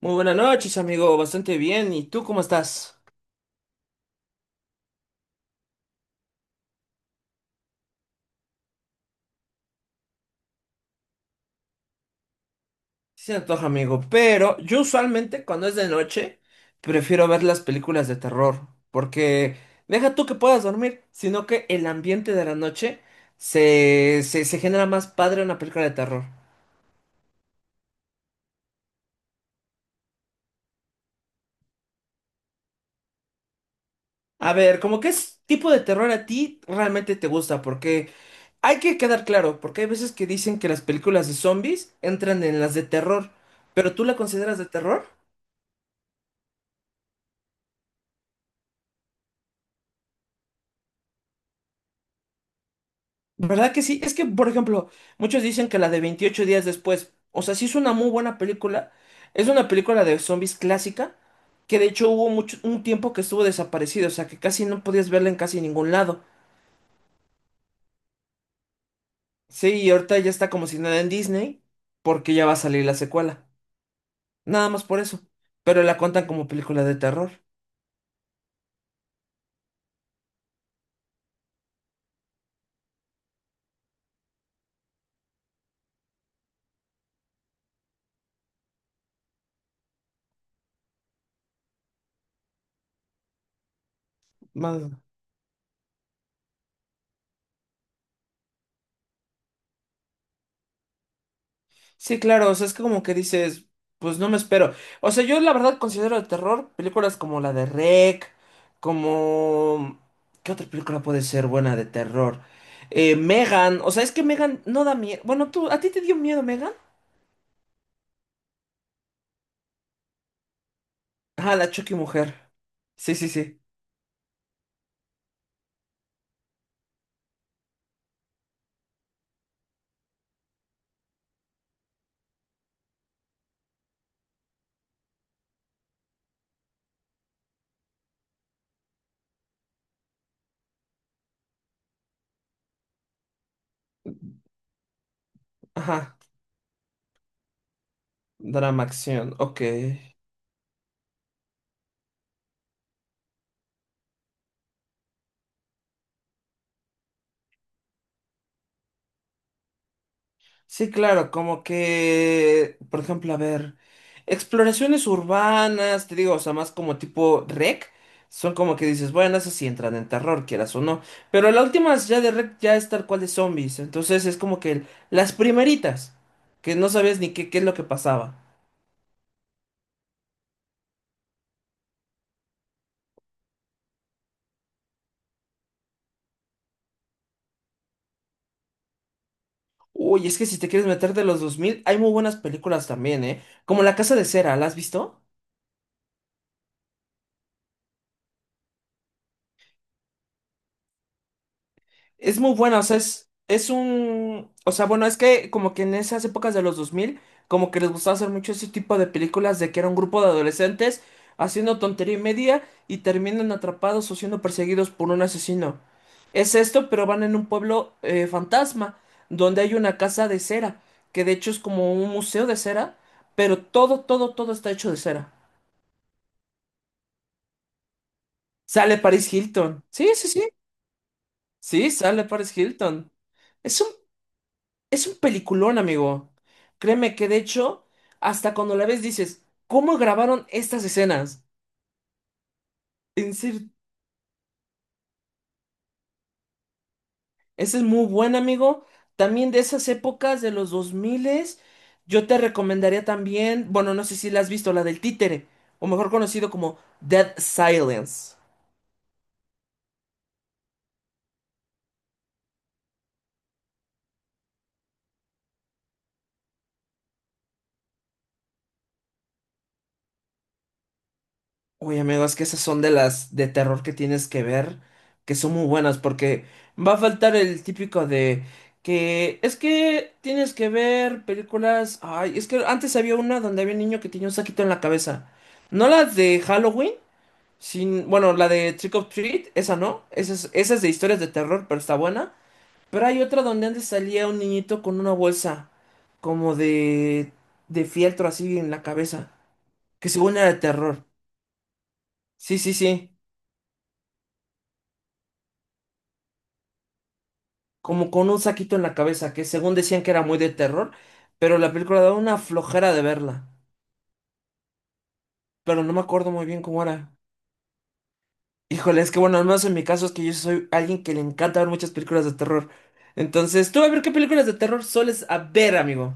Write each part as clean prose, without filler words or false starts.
Muy buenas noches, amigo. Bastante bien. ¿Y tú cómo estás? Sí se antoja, amigo. Pero yo usualmente cuando es de noche prefiero ver las películas de terror. Porque deja tú que puedas dormir, sino que el ambiente de la noche se genera más padre una película de terror. A ver, ¿cómo tipo de terror a ti realmente te gusta? Porque hay que quedar claro, porque hay veces que dicen que las películas de zombies entran en las de terror. ¿Pero tú la consideras de terror? ¿Verdad que sí? Es que, por ejemplo, muchos dicen que la de 28 días después, o sea, sí es una muy buena película, es una película de zombies clásica, que de hecho hubo mucho, un tiempo que estuvo desaparecido, o sea, que casi no podías verla en casi ningún lado. Sí, y ahorita ya está como si nada en Disney, porque ya va a salir la secuela. Nada más por eso. Pero la cuentan como película de terror. Más. Sí, claro, o sea, es que como que dices, pues no me espero. O sea, yo la verdad considero de terror películas como la de REC, como. ¿Qué otra película puede ser buena de terror? Megan, o sea, es que Megan no da miedo. Bueno, tú, ¿a ti te dio miedo Megan? Ah, la Chucky mujer. Sí, sí, sí. Ajá. Drama acción, ok. Sí, claro, como que, por ejemplo, a ver, exploraciones urbanas, te digo, o sea, más como tipo rec, son como que dices, bueno, esas sí entran en terror, quieras o no, pero la última ya de rec ya es tal cual de zombies, entonces es como que las primeritas, que no sabías ni qué es lo que pasaba. Uy, es que si te quieres meter de los 2000 hay muy buenas películas también, ¿eh? Como La Casa de Cera, ¿la has visto? Es muy buena, o sea, es un. O sea, bueno, es que como que en esas épocas de los 2000 como que les gustaba hacer mucho ese tipo de películas de que era un grupo de adolescentes haciendo tontería y media y terminan atrapados o siendo perseguidos por un asesino. Es esto, pero van en un pueblo fantasma, donde hay una casa de cera, que de hecho es como un museo de cera, pero todo, todo, todo está hecho de cera. Sale Paris Hilton. Sí, sí, sí. Sí, sale Paris Hilton. Es un Es un peliculón, amigo. Créeme que de hecho, hasta cuando la ves dices, ¿cómo grabaron estas escenas? En serio, ese es muy buen, amigo. También de esas épocas de los 2000, yo te recomendaría también, bueno, no sé si la has visto, la del títere, o mejor conocido como Dead Silence. Uy, amigo, es que esas son de las de terror que tienes que ver, que son muy buenas, porque va a faltar el típico de que es que tienes que ver películas. Ay, es que antes había una donde había un niño que tenía un saquito en la cabeza. ¿No la de Halloween? Sin, bueno, la de Trick or Treat, esa no, esa es de historias de terror, pero está buena. Pero hay otra donde antes salía un niñito con una bolsa, como de fieltro así en la cabeza, que según era de terror. Sí, sí, sí. Como con un saquito en la cabeza, que según decían que era muy de terror, pero la película daba una flojera de verla. Pero no me acuerdo muy bien cómo era. Híjole, es que bueno, al menos en mi caso es que yo soy alguien que le encanta ver muchas películas de terror. Entonces, tú a ver qué películas de terror sueles a ver, amigo.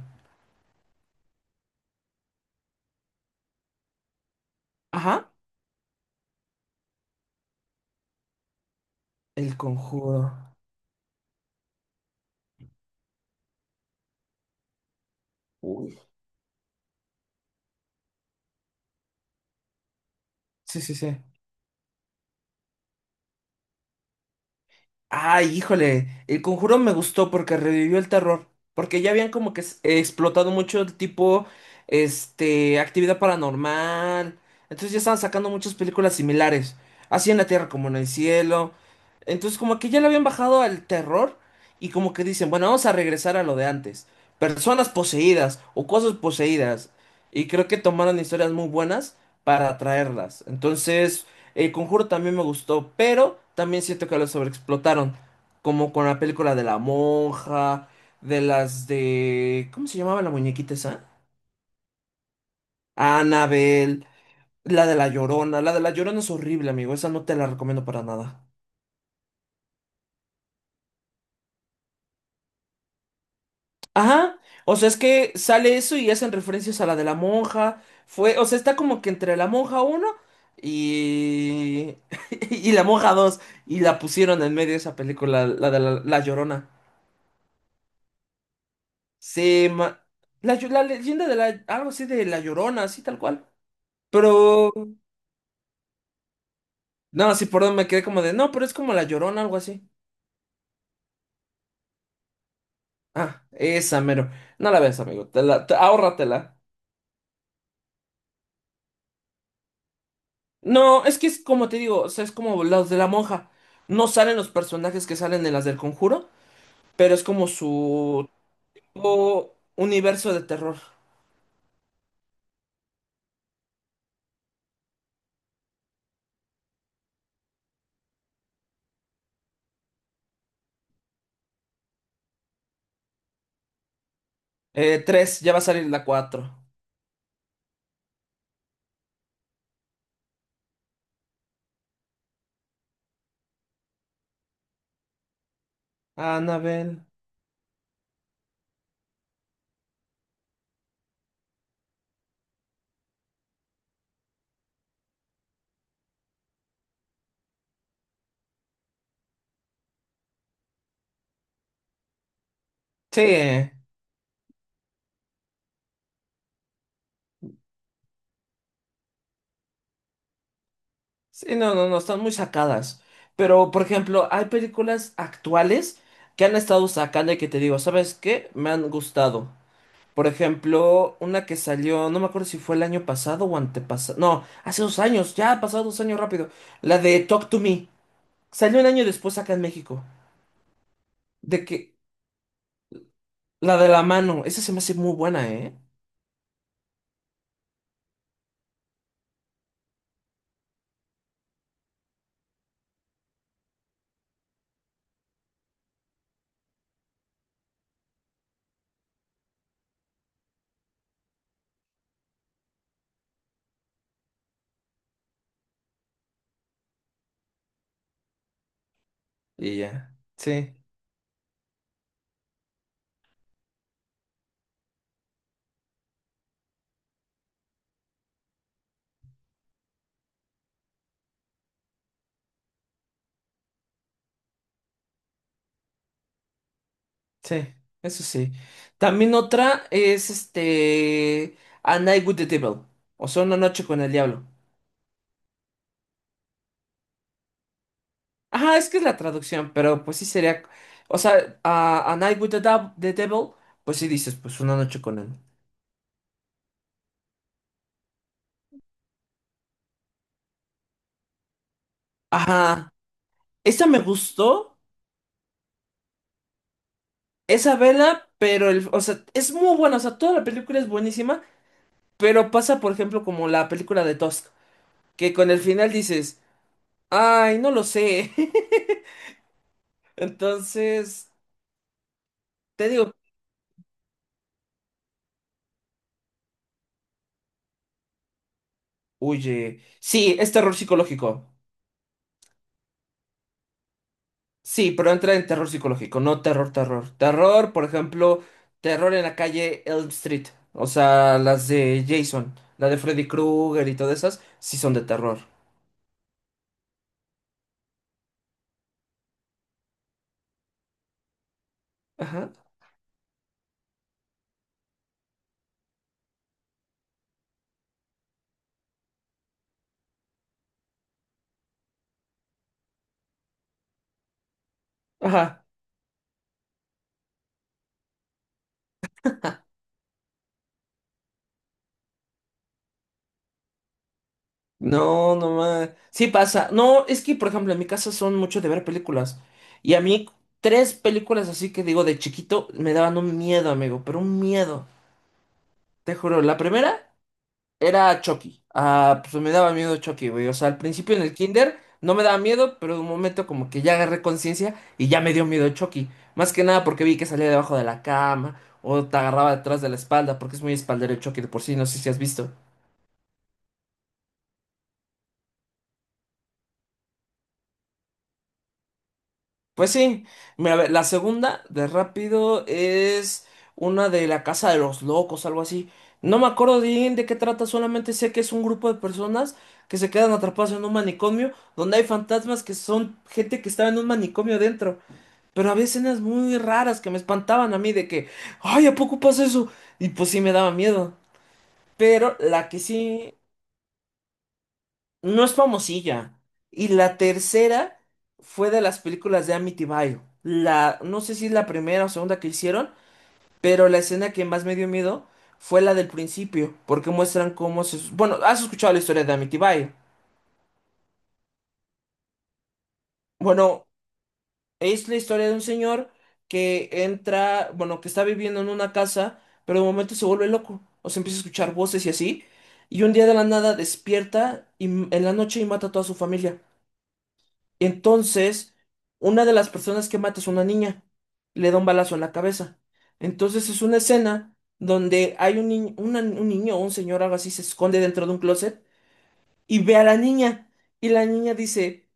Ajá. El Conjuro. Uy. Sí, sí, sí. Ay, híjole, el conjuro me gustó porque revivió el terror, porque ya habían como que explotado mucho el tipo, este, actividad paranormal, entonces ya estaban sacando muchas películas similares, así en la tierra como en el cielo, entonces como que ya le habían bajado al terror y como que dicen, bueno, vamos a regresar a lo de antes, personas poseídas o cosas poseídas, y creo que tomaron historias muy buenas para atraerlas, entonces. El Conjuro también me gustó, pero también siento que lo sobreexplotaron. Como con la película de la monja, de las de. ¿Cómo se llamaba la muñequita esa? Annabelle, la de la Llorona. La de la Llorona es horrible, amigo. Esa no te la recomiendo para nada. Ajá. O sea, es que sale eso y hacen referencias a la de la monja. Fue, o sea, está como que entre la monja uno y. Y la monja dos. Y la pusieron en medio de esa película, la de la Llorona. Se ma- la, llo- La leyenda de la. Algo así de La Llorona, así tal cual. Pero. No, sí, perdón, me quedé como de. No, pero es como La Llorona, algo así. Ah, esa mero. No la ves, amigo. Ahórratela. No, es que es como te digo, o sea, es como los de la monja. No salen los personajes que salen en las del Conjuro, pero es como su. O universo de terror. Tres, ya va a salir la cuatro. Anabel. Sí. Sí, no, no, no, están muy sacadas. Pero, por ejemplo, hay películas actuales que han estado sacando y que te digo, ¿sabes qué? Me han gustado. Por ejemplo, una que salió, no me acuerdo si fue el año pasado o antepasado. No, hace 2 años, ya ha pasado 2 años rápido. La de Talk to Me. Salió un año después acá en México. De que, la de la mano, esa se me hace muy buena, ¿eh? Y ya. Sí. Sí, eso sí. También otra es este A Night with the Devil. O sea, una noche con el diablo. Ajá, es que es la traducción, pero pues sí sería. O sea, a, A Night with the Devil, pues sí dices, pues una noche con él. Ajá. Esa me gustó. Esa vela, pero el, o sea, es muy buena. O sea, toda la película es buenísima. Pero pasa, por ejemplo, como la película de Tusk, que con el final dices, ay, no lo sé. Entonces, te digo. Huye. Sí, es terror psicológico. Sí, pero entra en terror psicológico, no terror, terror. Terror, por ejemplo, terror en la calle Elm Street. O sea, las de Jason, la de Freddy Krueger y todas esas, sí son de terror. Ajá, ajá. No, no más. Sí pasa. No, es que, por ejemplo, en mi casa son mucho de ver películas. Y a mí, tres películas así que digo de chiquito me daban un miedo, amigo, pero un miedo. Te juro, la primera. Era Chucky. Ah, pues me daba miedo Chucky, güey. O sea, al principio en el kinder no me daba miedo, pero de un momento como que ya agarré conciencia y ya me dio miedo Chucky. Más que nada porque vi que salía debajo de la cama o te agarraba detrás de la espalda, porque es muy espaldero el Chucky de por sí, no sé si has visto. Pues sí, mira, a ver, la segunda de rápido es una de la Casa de los Locos, algo así. No me acuerdo bien de qué trata, solamente sé que es un grupo de personas que se quedan atrapadas en un manicomio donde hay fantasmas que son gente que estaba en un manicomio dentro. Pero había escenas muy raras que me espantaban a mí de que, ay, ¿a poco pasa eso? Y pues sí me daba miedo. Pero la que sí no es famosilla. Y la tercera fue de las películas de Amityville. La, no sé si es la primera o segunda que hicieron, pero la escena que más me dio miedo fue la del principio, porque muestran cómo se. Bueno, ¿has escuchado la historia de Amityville? Bueno, es la historia de un señor que entra, bueno, que está viviendo en una casa, pero de momento se vuelve loco, o se empieza a escuchar voces y así, y un día de la nada despierta y, en la noche y mata a toda su familia. Y entonces, una de las personas que mata es una niña. Le da un balazo en la cabeza. Entonces es una escena donde hay un niño o un señor, algo así, se esconde dentro de un closet y ve a la niña. Y la niña dice,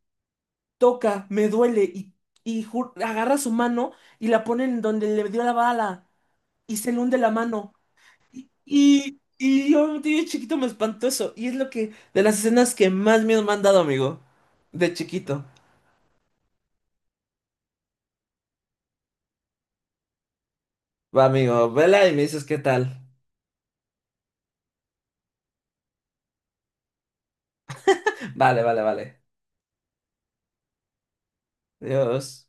toca, me duele. Y agarra su mano y la pone en donde le dio la bala. Y se le hunde la mano. Y yo, de chiquito, me espantó eso. Y es lo que, de las escenas que más miedo me han dado, amigo. De chiquito. Va, amigo, vela y me dices qué tal. Vale, vale, vale. Adiós.